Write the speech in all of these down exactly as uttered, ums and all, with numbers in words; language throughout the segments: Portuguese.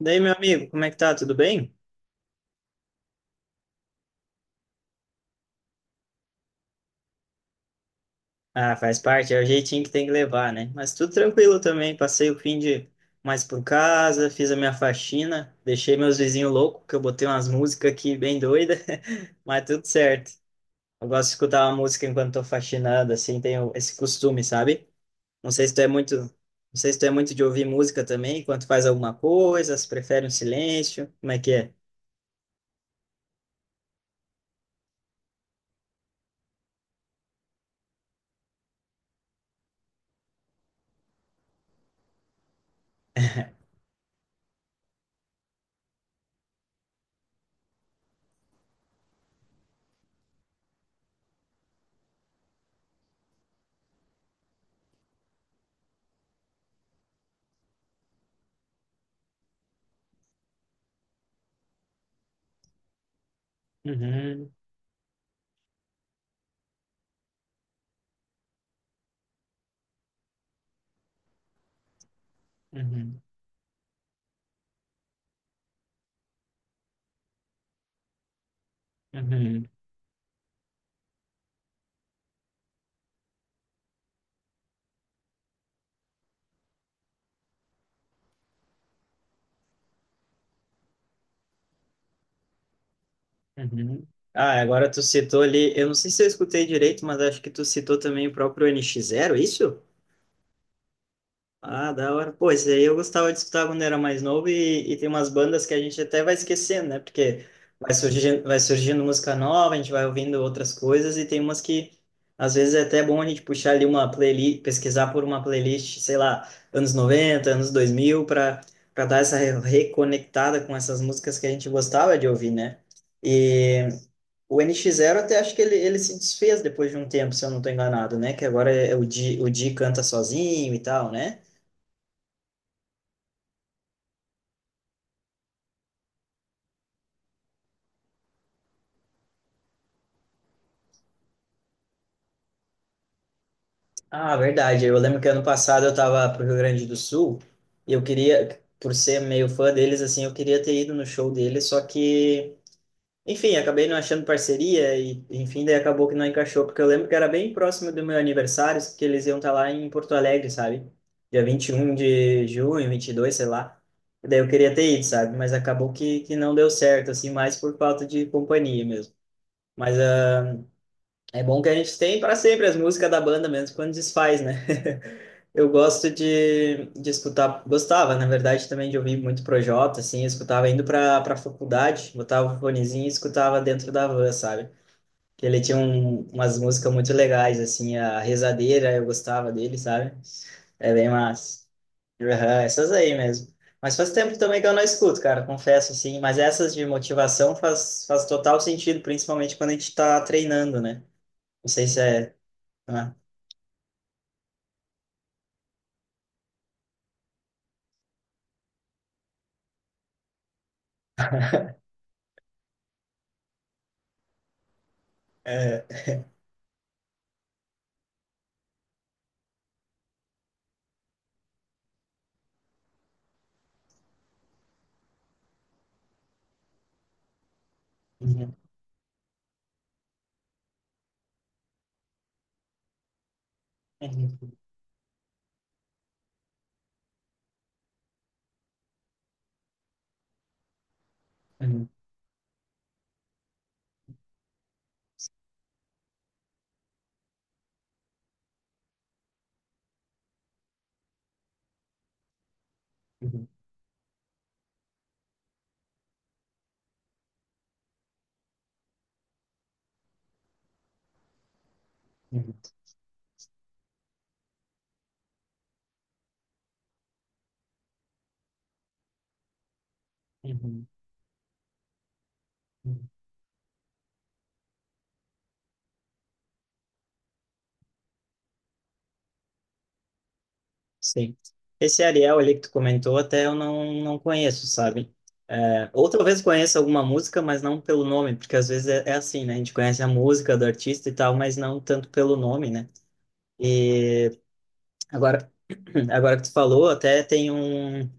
Daí, meu amigo, como é que tá? Tudo bem? Ah, faz parte, é o jeitinho que tem que levar, né? Mas tudo tranquilo também. Passei o fim de mais por casa, fiz a minha faxina, deixei meus vizinhos loucos, que eu botei umas músicas aqui bem doida, mas tudo certo. Eu gosto de escutar uma música enquanto tô faxinando, assim, tenho esse costume, sabe? Não sei se tu é muito, não sei se tu é muito de ouvir música também, enquanto faz alguma coisa, se prefere um silêncio, como é que é? Uhum, uhum, uhum. Uhum. Ah, agora tu citou ali, eu não sei se eu escutei direito, mas acho que tu citou também o próprio N X Zero, é isso? Ah, da hora. Pô, esse aí eu gostava de escutar quando era mais novo e, e tem umas bandas que a gente até vai esquecendo, né? Porque vai surgindo, vai surgindo música nova, a gente vai ouvindo outras coisas e tem umas que às vezes é até bom a gente puxar ali uma playlist, pesquisar por uma playlist, sei lá, anos noventa, anos dois mil, para para dar essa re- reconectada com essas músicas que a gente gostava de ouvir, né? O N X Zero até acho que ele, ele se desfez depois de um tempo, se eu não tô enganado, né? Que agora é é o Di, o Di canta sozinho e tal, né? Ah, verdade. Eu lembro que ano passado eu tava pro Rio Grande do Sul e eu queria, por ser meio fã deles, assim, eu queria ter ido no show deles, só que enfim, acabei não achando parceria e, enfim, daí acabou que não encaixou, porque eu lembro que era bem próximo do meu aniversário, que eles iam estar lá em Porto Alegre, sabe? Dia vinte e um de junho, vinte e dois sei lá. E daí eu queria ter ido, sabe? Mas acabou que, que não deu certo, assim, mais por falta de companhia mesmo. Mas ah, é bom que a gente tem para sempre as músicas da banda, mesmo quando desfaz, né? Eu gosto de, de escutar, gostava, na verdade, também de ouvir muito Projota, assim, eu escutava indo para para faculdade, botava o fonezinho e escutava dentro da van, sabe? Que ele tinha um, umas músicas muito legais, assim, a Rezadeira, eu gostava dele, sabe? É bem massa. Aham, essas aí mesmo. Mas faz tempo também que eu não escuto, cara, confesso, assim, mas essas de motivação faz, faz total sentido, principalmente quando a gente tá treinando, né? Não sei se é... ah, é... Uhum, uhum, uhum, uhum, uhum. Uhum, uhum, sim. Esse Ariel ali que tu comentou, até eu não, não conheço, sabe? É, ou talvez conheça alguma música, mas não pelo nome, porque às vezes é, é assim, né? A gente conhece a música do artista e tal, mas não tanto pelo nome, né? E agora, agora que tu falou, até tem um.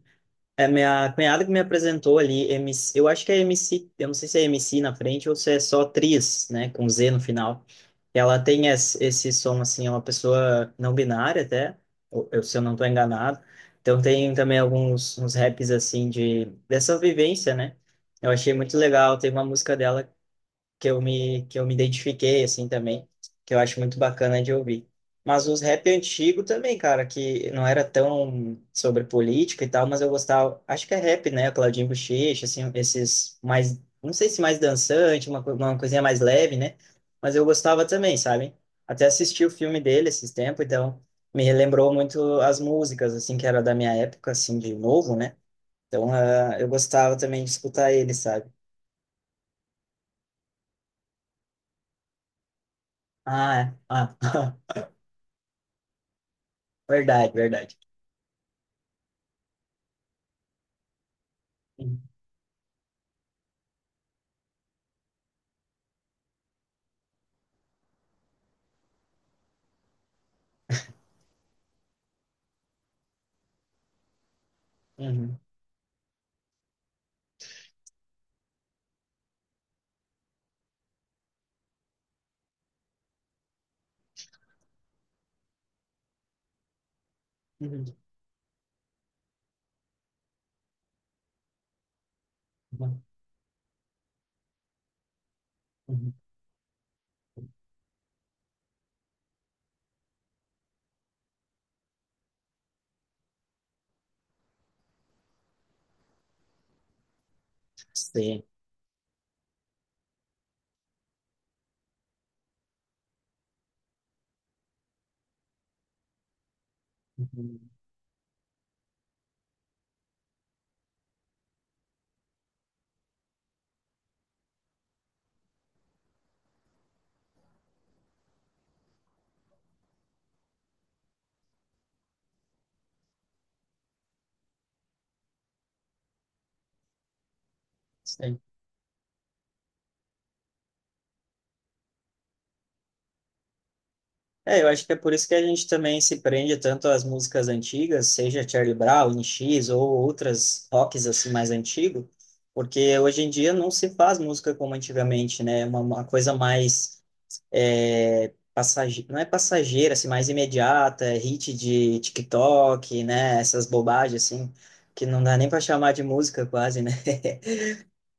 É, minha cunhada que me apresentou ali, M C, eu acho que é M C, eu não sei se é M C na frente ou se é só Tris, né, com Z no final. Ela tem es- esse som, assim, é uma pessoa não binária até, ou eu, se eu não estou enganado. Então tem também alguns uns raps, assim, de, dessa vivência, né? Eu achei muito legal, tem uma música dela que eu me, que eu me identifiquei, assim, também, que eu acho muito bacana de ouvir. Mas os rap antigo também, cara, que não era tão sobre política e tal, mas eu gostava, acho que é rap, né, Claudinho Buchecha, assim, esses mais, não sei se mais dançante, uma, co- uma coisinha mais leve, né, mas eu gostava também, sabe? Até assisti o filme dele esses tempos, então me relembrou muito as músicas, assim, que era da minha época, assim, de novo, né? Então, ah, eu gostava também de escutar ele, sabe? Ah, é. Ah. Verdade, verdade. Uhum, uhum, uhum, uhum. Sim. Uhum, sim. É, eu acho que é por isso que a gente também se prende tanto às músicas antigas, seja Charlie Brown, N X ou outras rocks assim mais antigo, porque hoje em dia não se faz música como antigamente, né? É Uma, uma coisa mais é, passageira, não é passageira, assim, mais imediata, é hit de TikTok, né? Essas bobagens assim, que não dá nem para chamar de música quase, né?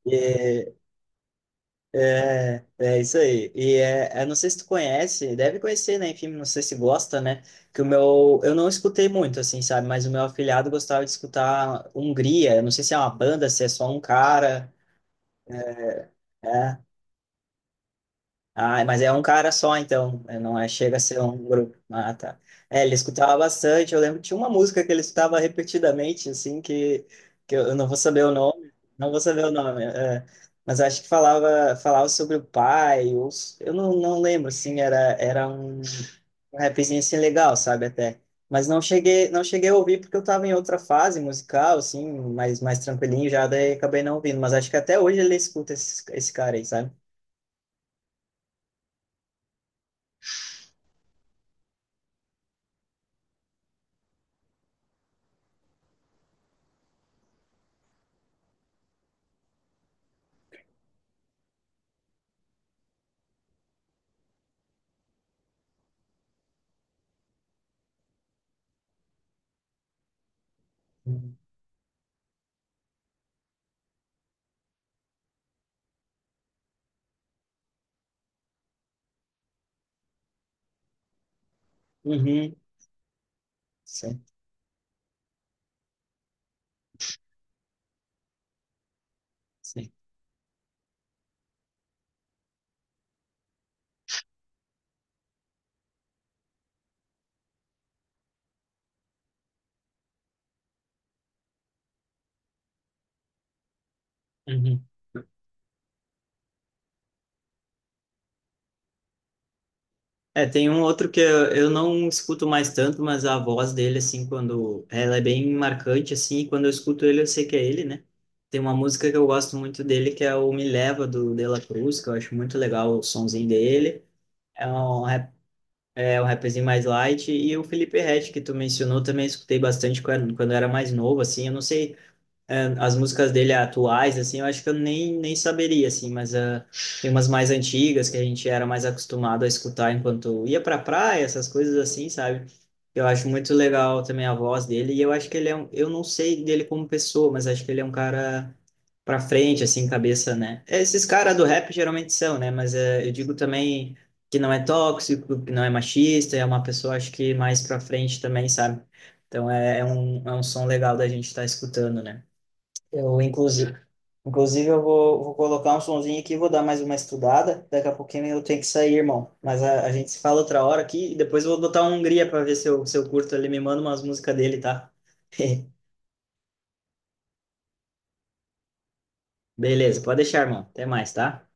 É isso aí. E é, eu não sei se tu conhece, deve conhecer, né? Enfim, não sei se gosta, né? Que o meu, eu não escutei muito, assim, sabe? Mas o meu afilhado gostava de escutar Hungria. Eu não sei se é uma banda, se é só um cara. É. Ah, mas é um cara só, então. É, não é, chega a ser um grupo. Ah, tá. É, ele escutava bastante. Eu lembro que tinha uma música que ele escutava repetidamente, assim, que, que eu eu não vou saber o nome. Não vou saber o nome. É. Mas acho que falava, falava sobre o pai. Ou s- eu não, não lembro, assim, era, era um um rapzinho assim legal, sabe, até. Mas não cheguei, não cheguei a ouvir porque eu estava em outra fase musical, assim, mais, mais tranquilinho já, daí acabei não ouvindo. Mas acho que até hoje ele escuta esse, esse cara aí, sabe? Uhum. Uhum. Sim. Sim. Uhum. É, tem um outro que eu, eu não escuto mais tanto, mas a voz dele, assim, quando... ela é bem marcante, assim, e quando eu escuto ele, eu sei que é ele, né? Tem uma música que eu gosto muito dele, que é o Me Leva, do De La Cruz, que eu acho muito legal o sonzinho dele. É um, rap, é um rapzinho mais light. E o Felipe Ret, que tu mencionou, também escutei bastante quando, quando eu era mais novo, assim. Eu não sei é, as músicas dele atuais, assim, eu acho que eu nem, nem saberia, assim, mas ah, tem umas mais antigas que a gente era mais acostumado a escutar enquanto ia pra praia, essas coisas assim, sabe? Eu acho muito legal também a voz dele, e eu acho que ele é um, eu não sei dele como pessoa, mas acho que ele é um cara pra frente, assim, cabeça, né? Esses caras do rap geralmente são, né? Mas eh, eu digo também que não é tóxico, que não é machista, é uma pessoa, acho que mais pra frente também, sabe? Então é, é um, é um som legal da gente estar escutando, né? Eu, inclusive, inclusive eu vou, vou colocar um sonzinho aqui, vou dar mais uma estudada. Daqui a pouquinho eu tenho que sair, irmão. Mas a, a gente se fala outra hora aqui e depois eu vou botar um Hungria para ver se eu, se eu curto. Ele me manda umas músicas dele, tá? Beleza, pode deixar, irmão. Até mais, tá?